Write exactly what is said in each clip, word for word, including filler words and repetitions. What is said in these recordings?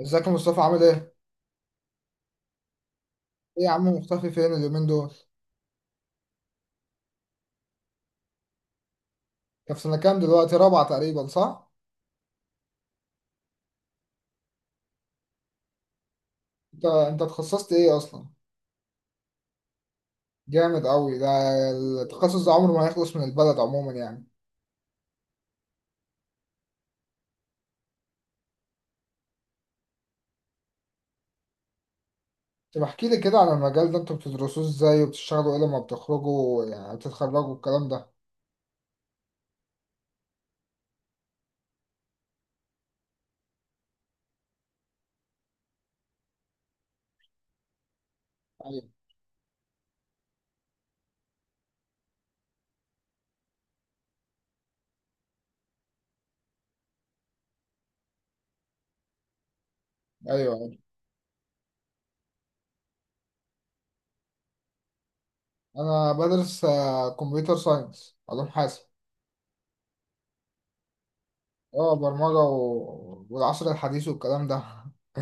ازيك يا مصطفى عامل ايه؟ ايه يا عم مختفي فين اليومين دول؟ انت في سنة كام دلوقتي؟ رابعة تقريبا صح؟ انت انت اتخصصت ايه اصلا؟ جامد قوي ده. التخصص ده عمره ما يخلص من البلد عموما يعني. طب احكي لي كده عن المجال ده انتوا بتدرسوه ازاي وبتشتغلوا ايه لما بتخرجوا يعني بتتخرجوا الكلام ده. ايوه ايوه ايوه. انا بدرس آه، كمبيوتر ساينس علوم حاسب. اه برمجة و... والعصر الحديث والكلام ده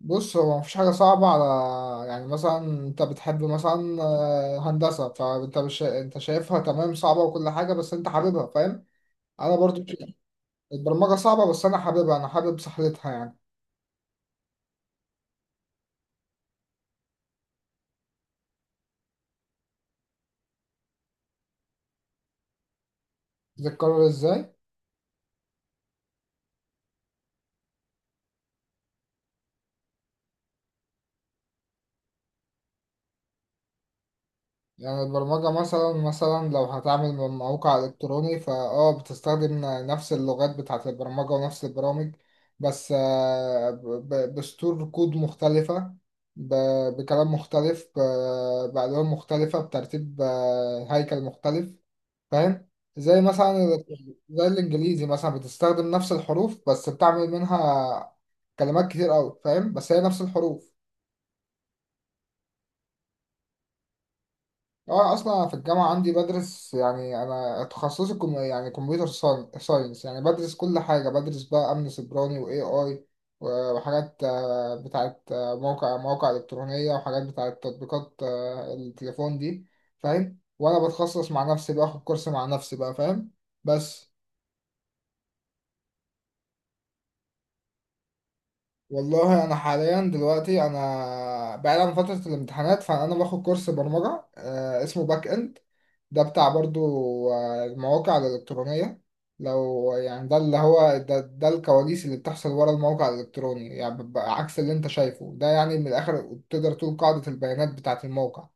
بص هو مفيش حاجة صعبة على. يعني مثلا انت بتحب مثلا آه، هندسة فانت مش انت شايفها تمام صعبة وكل حاجة بس انت حاببها فاهم. انا برضو البرمجة صعبة بس انا حاببها انا حابب سحلتها يعني. تتكرر ازاي. يعني البرمجة مثلا مثلا لو هتعمل موقع إلكتروني فأه بتستخدم نفس اللغات بتاعة البرمجة ونفس البرامج بس آه، ب- ب- بسطور كود مختلفة، ب- بكلام مختلف، ب- بألوان مختلفة، بترتيب آه، هيكل مختلف فاهم. زي مثلا ال- زي الإنجليزي مثلا بتستخدم نفس الحروف بس بتعمل منها كلمات كتير أوي فاهم بس هي نفس الحروف. اه اصلا في الجامعه عندي بدرس يعني انا تخصصي كم يعني كمبيوتر ساينس يعني بدرس كل حاجه بدرس بقى امن سيبراني واي اي، وحاجات آه، بتاعت آه، موقع مواقع الكترونيه وحاجات بتاعت تطبيقات آه، التليفون دي. فاهم وانا بتخصص مع نفسي باخد كورس مع نفسي بقى فاهم بس. والله انا حاليا دلوقتي انا بعيد عن فتره الامتحانات فانا باخد كورس برمجه آه، اسمه باك اند، ده بتاع برضو آه، المواقع الالكترونيه. لو يعني ده اللي هو ده, ده الكواليس اللي بتحصل ورا الموقع الالكتروني يعني بيبقى عكس اللي انت شايفه ده، يعني من الاخر تقدر تقول قاعده البيانات بتاعه الموقع.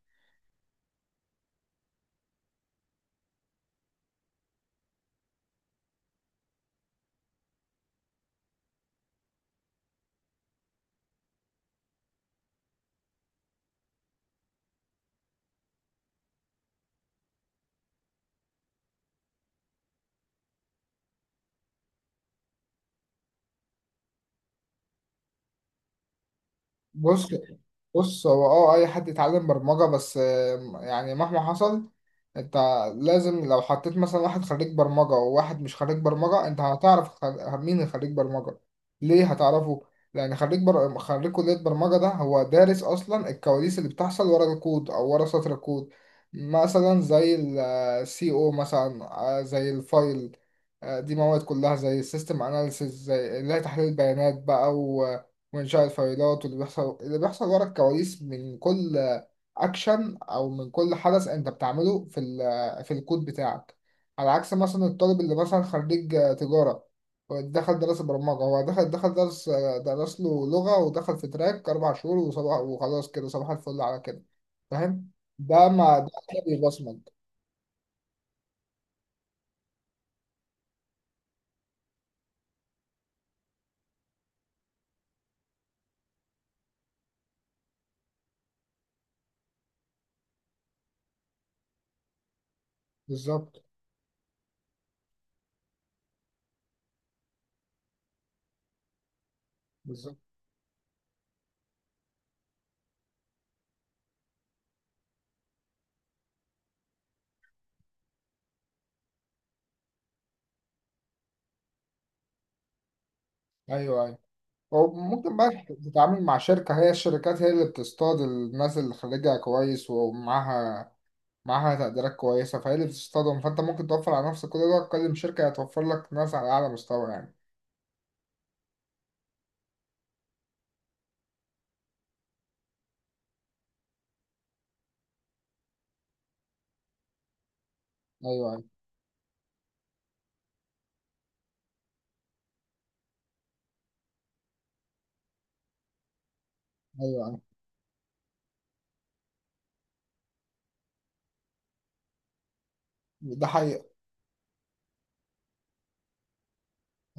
بص بص هو اه اي حد يتعلم برمجة بس آه، يعني مهما حصل انت لازم. لو حطيت مثلا واحد خريج برمجة وواحد مش خريج برمجة انت هتعرف خر- مين خريج برمجة. ليه هتعرفه. لان خريج بر... خريج كلية برمجة ده هو دارس اصلا الكواليس اللي بتحصل ورا الكود او ورا سطر الكود، مثلا زي السي او مثلا آه، زي الفايل. آه، دي مواد كلها زي السيستم اناليسيس، زي اللي هي تحليل البيانات بقى وإنشاء الفايلات، واللي بيحصل اللي بيحصل ورا الكواليس من كل أكشن، أو من كل حدث أنت بتعمله في ال في الكود بتاعك. على عكس مثلا الطالب اللي مثلا خريج تجارة دخل درس برمجة، هو دخل دخل درس درس له لغة ودخل في تراك أربع شهور وصباح، وخلاص كده صباح الفل على كده. فاهم؟ ده ما ده كده بيبصمج. بالظبط بالظبط. أيوه أيوه. وممكن بقى تتعامل مع شركة، هي الشركات هي اللي بتصطاد الناس اللي خريجها كويس ومعاها معاها تقديرات كويسة، فهي اللي بتصطدم، فأنت ممكن توفر على نفسك كل ده، تكلم شركة هتوفر لك ناس على أعلى مستوى يعني. أيوه أيوه أيوه أيوة. ده حقيقة.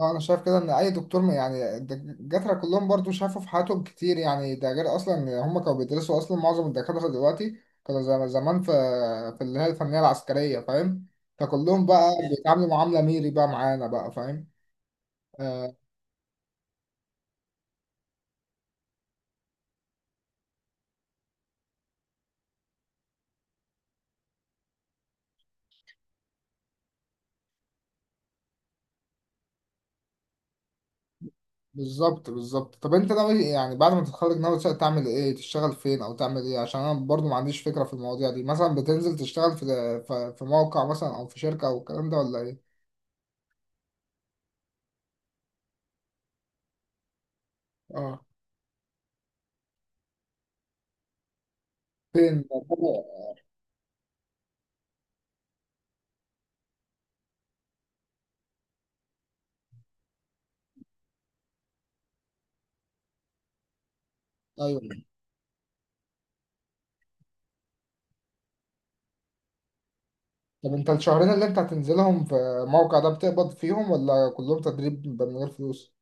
أه، أنا شايف كده إن أي دكتور م- يعني الدكاترة كلهم برضو شافوا في حياتهم كتير يعني، ده غير أصلا إن هم كانوا بيدرسوا أصلا، معظم الدكاترة دلوقتي كانوا زم- زمان في في اللي هي الفنية العسكرية فاهم، فكلهم بقى بيتعاملوا معاملة ميري بقى معانا بقى فاهم آه، بالظبط بالظبط. طب انت ناوي يعني بعد ما تتخرج ناوي تس- تعمل ايه، تشتغل فين او تعمل ايه، عشان انا برضو ما عنديش فكرة في المواضيع دي، مثلا بتنزل تشتغل في في في موقع مثلا او في شركة او الكلام ده ولا ايه. اه فين. ايوه. طب انت الشهرين اللي انت هتنزلهم في الموقع ده بتقبض فيهم ولا كلهم تدريب من غير فلوس.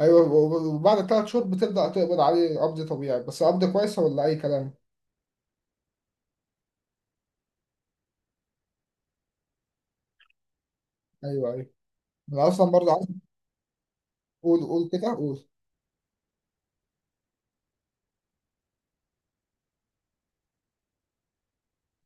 ايوه، وب- وبعد ثلاث شهور بتبدأ تقبض عليه، قبض طبيعي بس قبض كويس ولا اي كلام. ايوه ايوه. انا اصلا برضو عايز. قول قول كده قول.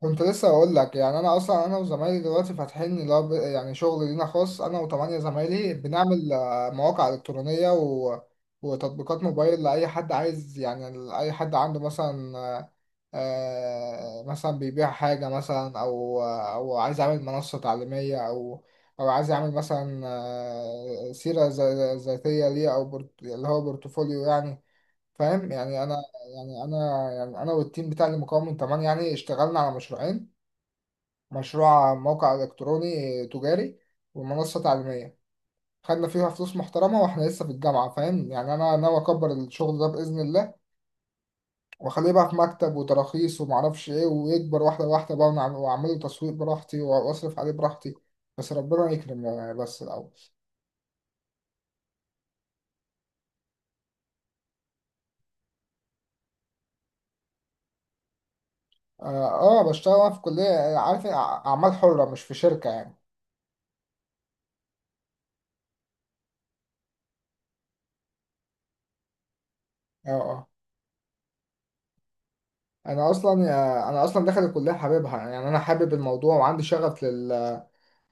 كنت لسه اقول لك، يعني انا اصلا انا وزمايلي دلوقتي فاتحين اللي هو ب- يعني شغل لينا خاص، انا وثمانية زمايلي بنعمل آه، مواقع الكترونيه و... وتطبيقات موبايل لاي حد عايز، يعني لاي حد عنده مثلا آه، آه، مثلا بيبيع حاجه مثلا، او او عايز يعمل منصه تعليميه، او او عايز يعمل مثلا آه، سيره ذ- ذاتيه ليه، او بورت... اللي هو بورتفوليو يعني. فاهم؟ يعني انا يعني انا يعني انا والتيم بتاع المكون من ثمانية يعني اشتغلنا على مشروعين، مشروع موقع إلكتروني تجاري، ومنصة تعليمية. خدنا فيها فلوس محترمة وإحنا لسه في الجامعة، فاهم؟ يعني أنا ناوي أكبر الشغل ده بإذن الله، وأخليه بقى في مكتب وتراخيص ومعرفش إيه، ويكبر واحدة واحدة بقى، ونعم- وأعمله تسويق براحتي وأصرف عليه براحتي، بس ربنا يكرم يعني، بس الأول. آه, آه بشتغل أنا في كلية عارف إيه؟ أع- أعمال حرة، مش في شركة يعني. آه آه. أنا أصلا آه، أنا أصلا داخل الكلية حاببها، يعني أنا حابب الموضوع وعندي شغف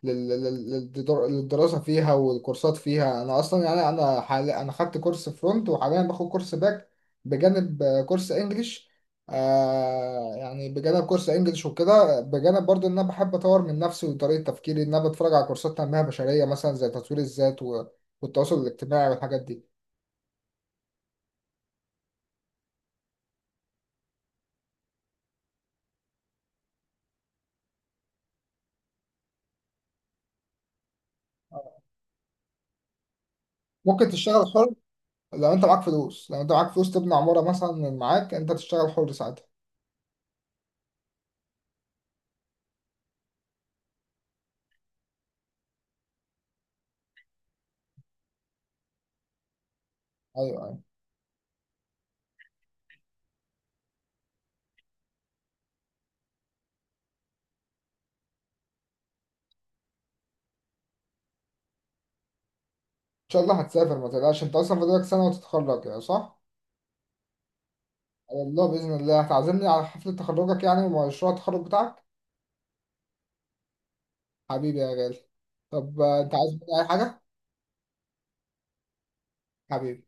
لل- لل- للدر- للدراسة فيها والكورسات فيها، أنا أصلا يعني أنا حال... أنا خدت كورس فرونت وحاليا باخد كورس باك، بجانب آه، كورس إنجليش. آه يعني بجانب كورس إنجليش وكده، بجانب برضو إن أنا بحب أطور من نفسي وطريقة تفكيري، إن أنا بتفرج على كورسات تنمية بشرية، مثلا زي تطوير الذات و... والتواصل الاجتماعي والحاجات دي. ممكن تشتغل حر، لو أنت معاك فلوس لو أنت معاك فلوس تبني عمارة مثلا، من معاك أنت تشتغل حر ساعتها. أيوه أيوه. إن شاء الله هتسافر، ما تقلقش، أنت أصلا فاضلك سنة وتتخرج يعني، صح؟ على الله بإذن الله هتعزمني على حفلة تخرجك يعني، ومشروع التخرج بتاعك. حبيبي يا غالي. طب آه، أنت عايز مني أي حاجة؟ حبيبي